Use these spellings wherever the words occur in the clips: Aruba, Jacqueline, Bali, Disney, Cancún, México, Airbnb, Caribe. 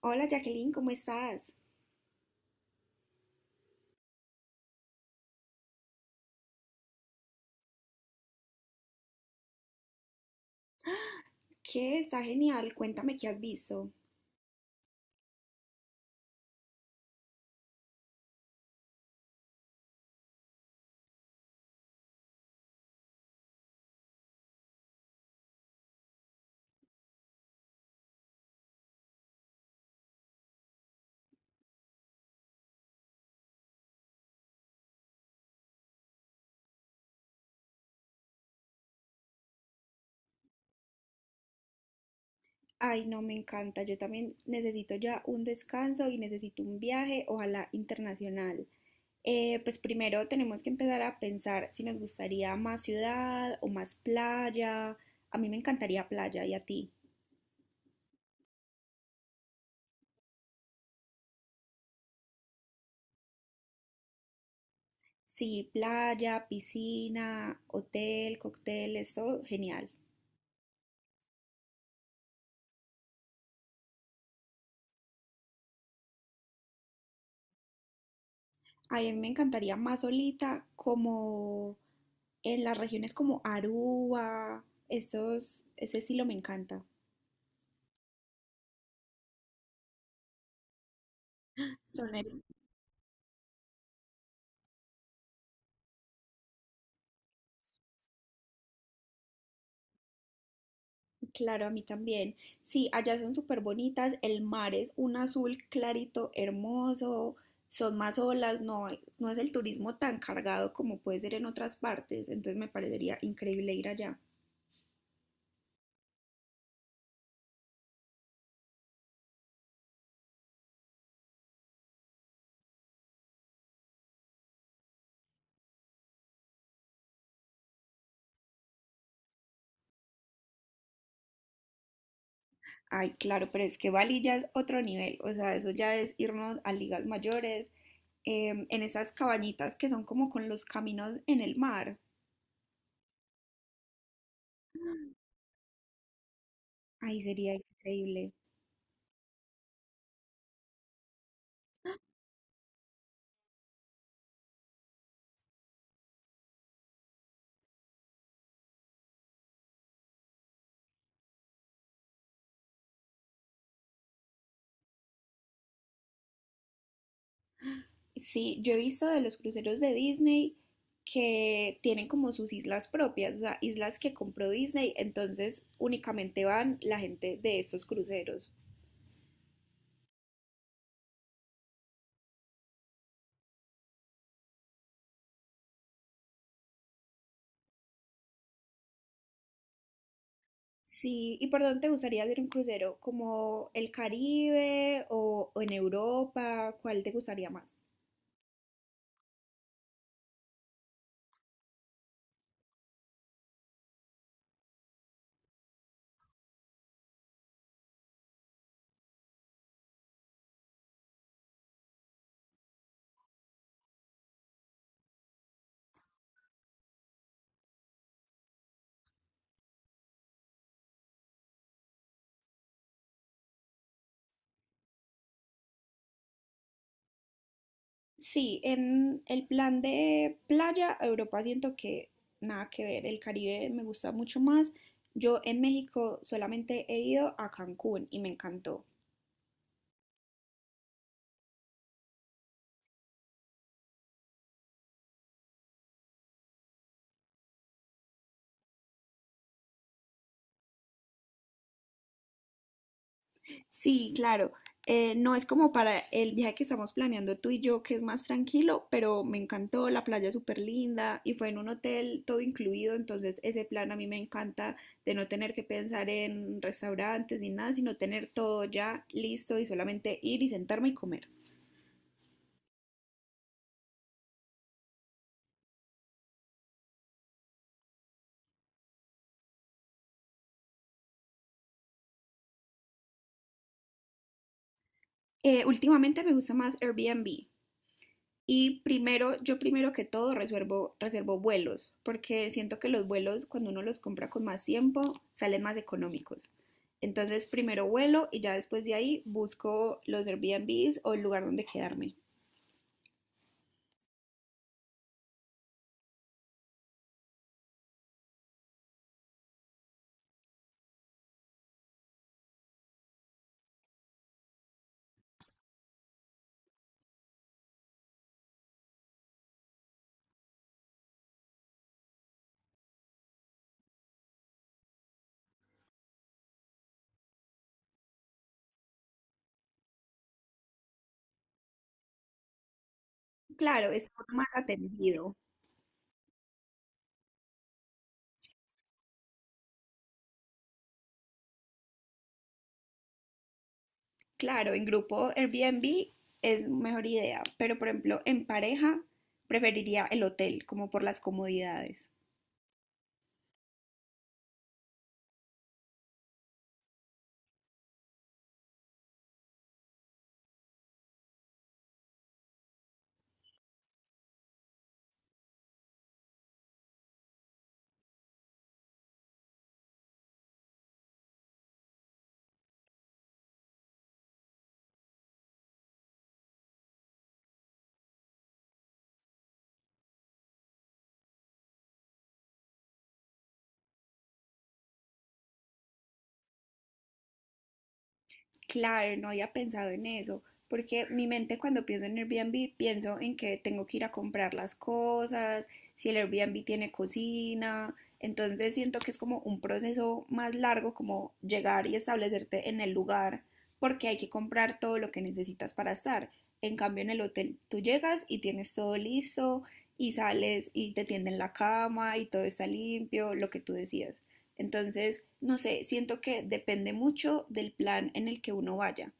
Hola Jacqueline, ¿cómo estás? ¿Qué? Está genial, cuéntame qué has visto. Ay, no, me encanta, yo también necesito ya un descanso y necesito un viaje, ojalá internacional. Pues primero tenemos que empezar a pensar si nos gustaría más ciudad o más playa. A mí me encantaría playa, ¿y a ti? Sí, playa, piscina, hotel, cócteles, todo genial. A mí me encantaría más solita, como en las regiones como Aruba, esos, ese estilo me encanta. Son el- claro, a mí también. Sí, allá son súper bonitas, el mar es un azul clarito, hermoso, son más olas, no, no es el turismo tan cargado como puede ser en otras partes, entonces me parecería increíble ir allá. Ay, claro, pero es que Bali ya es otro nivel, o sea, eso ya es irnos a ligas mayores, en esas cabañitas que son como con los caminos en el mar. Ahí sería increíble. Sí, yo he visto de los cruceros de Disney que tienen como sus islas propias, o sea, islas que compró Disney, entonces únicamente van la gente de estos cruceros. Sí, ¿y por dónde te gustaría hacer un crucero? ¿Como el Caribe o en Europa? ¿Cuál te gustaría más? Sí, en el plan de playa, Europa siento que nada que ver, el Caribe me gusta mucho más. Yo en México solamente he ido a Cancún y me encantó. Sí, claro, no es como para el viaje que estamos planeando tú y yo, que es más tranquilo, pero me encantó, la playa es súper linda y fue en un hotel todo incluido, entonces ese plan a mí me encanta de no tener que pensar en restaurantes ni nada, sino tener todo ya listo y solamente ir y sentarme y comer. Últimamente me gusta más Airbnb. Y primero, yo primero que todo reservo vuelos, porque siento que los vuelos, cuando uno los compra con más tiempo, salen más económicos. Entonces, primero vuelo y ya después de ahí busco los Airbnbs o el lugar donde quedarme. Claro, es uno más atendido. Claro, en grupo Airbnb es mejor idea, pero por ejemplo, en pareja preferiría el hotel, como por las comodidades. Claro, no había pensado en eso, porque mi mente cuando pienso en Airbnb pienso en que tengo que ir a comprar las cosas, si el Airbnb tiene cocina, entonces siento que es como un proceso más largo como llegar y establecerte en el lugar, porque hay que comprar todo lo que necesitas para estar. En cambio, en el hotel tú llegas y tienes todo listo y sales y te tienden la cama y todo está limpio, lo que tú decías. Entonces, no sé, siento que depende mucho del plan en el que uno vaya.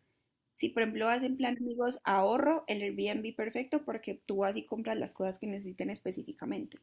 Si, por ejemplo, vas en plan amigos, ahorro el Airbnb perfecto porque tú vas y compras las cosas que necesiten específicamente.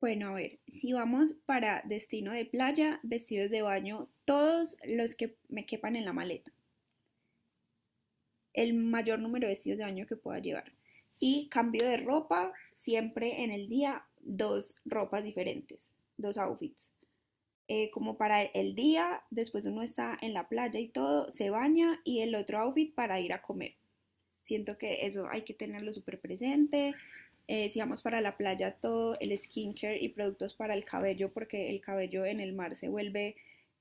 Bueno, a ver, si vamos para destino de playa, vestidos de baño, todos los que me quepan en la maleta, el mayor número de vestidos de baño que pueda llevar. Y cambio de ropa, siempre en el día, dos ropas diferentes, dos outfits. Como para el día, después uno está en la playa y todo, se baña y el otro outfit para ir a comer. Siento que eso hay que tenerlo súper presente. Si vamos para la playa, todo el skincare y productos para el cabello, porque el cabello en el mar se vuelve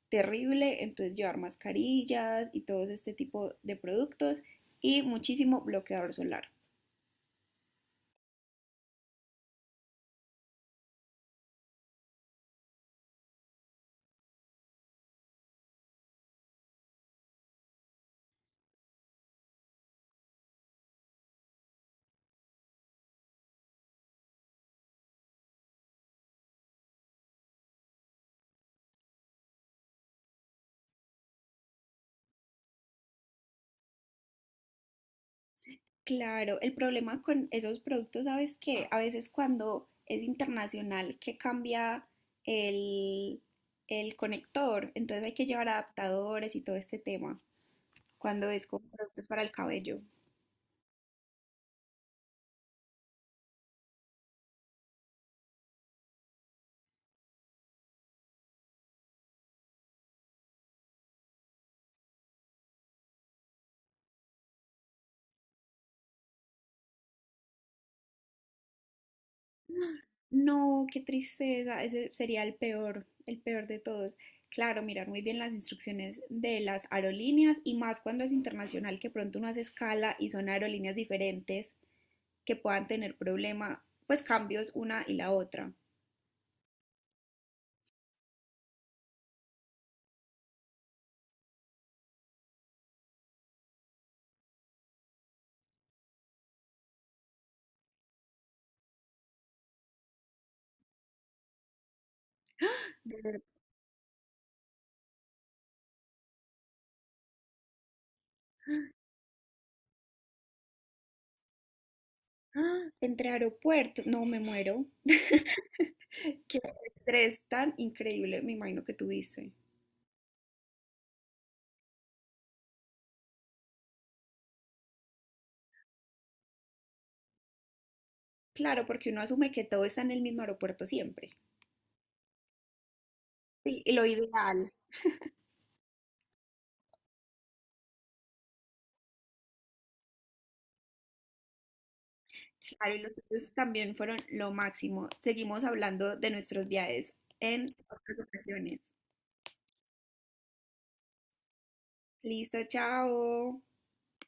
terrible, entonces llevar mascarillas y todo este tipo de productos y muchísimo bloqueador solar. Claro, el problema con esos productos, ¿sabes qué? A veces cuando es internacional que cambia el, el conector, entonces hay que llevar adaptadores y todo este tema, cuando es con productos para el cabello. No, qué tristeza, ese sería el peor de todos. Claro, mirar muy bien las instrucciones de las aerolíneas y más cuando es internacional, que pronto uno hace escala y son aerolíneas diferentes que puedan tener problema, pues cambios una y la otra. De ver- ¡Ah! Entre aeropuertos, no me muero. Qué estrés tan increíble, me imagino que tuviste. Claro, porque uno asume que todo está en el mismo aeropuerto siempre. Sí, y lo ideal. Claro, y los tuyos también fueron lo máximo. Seguimos hablando de nuestros viajes en otras ocasiones. Listo, chao.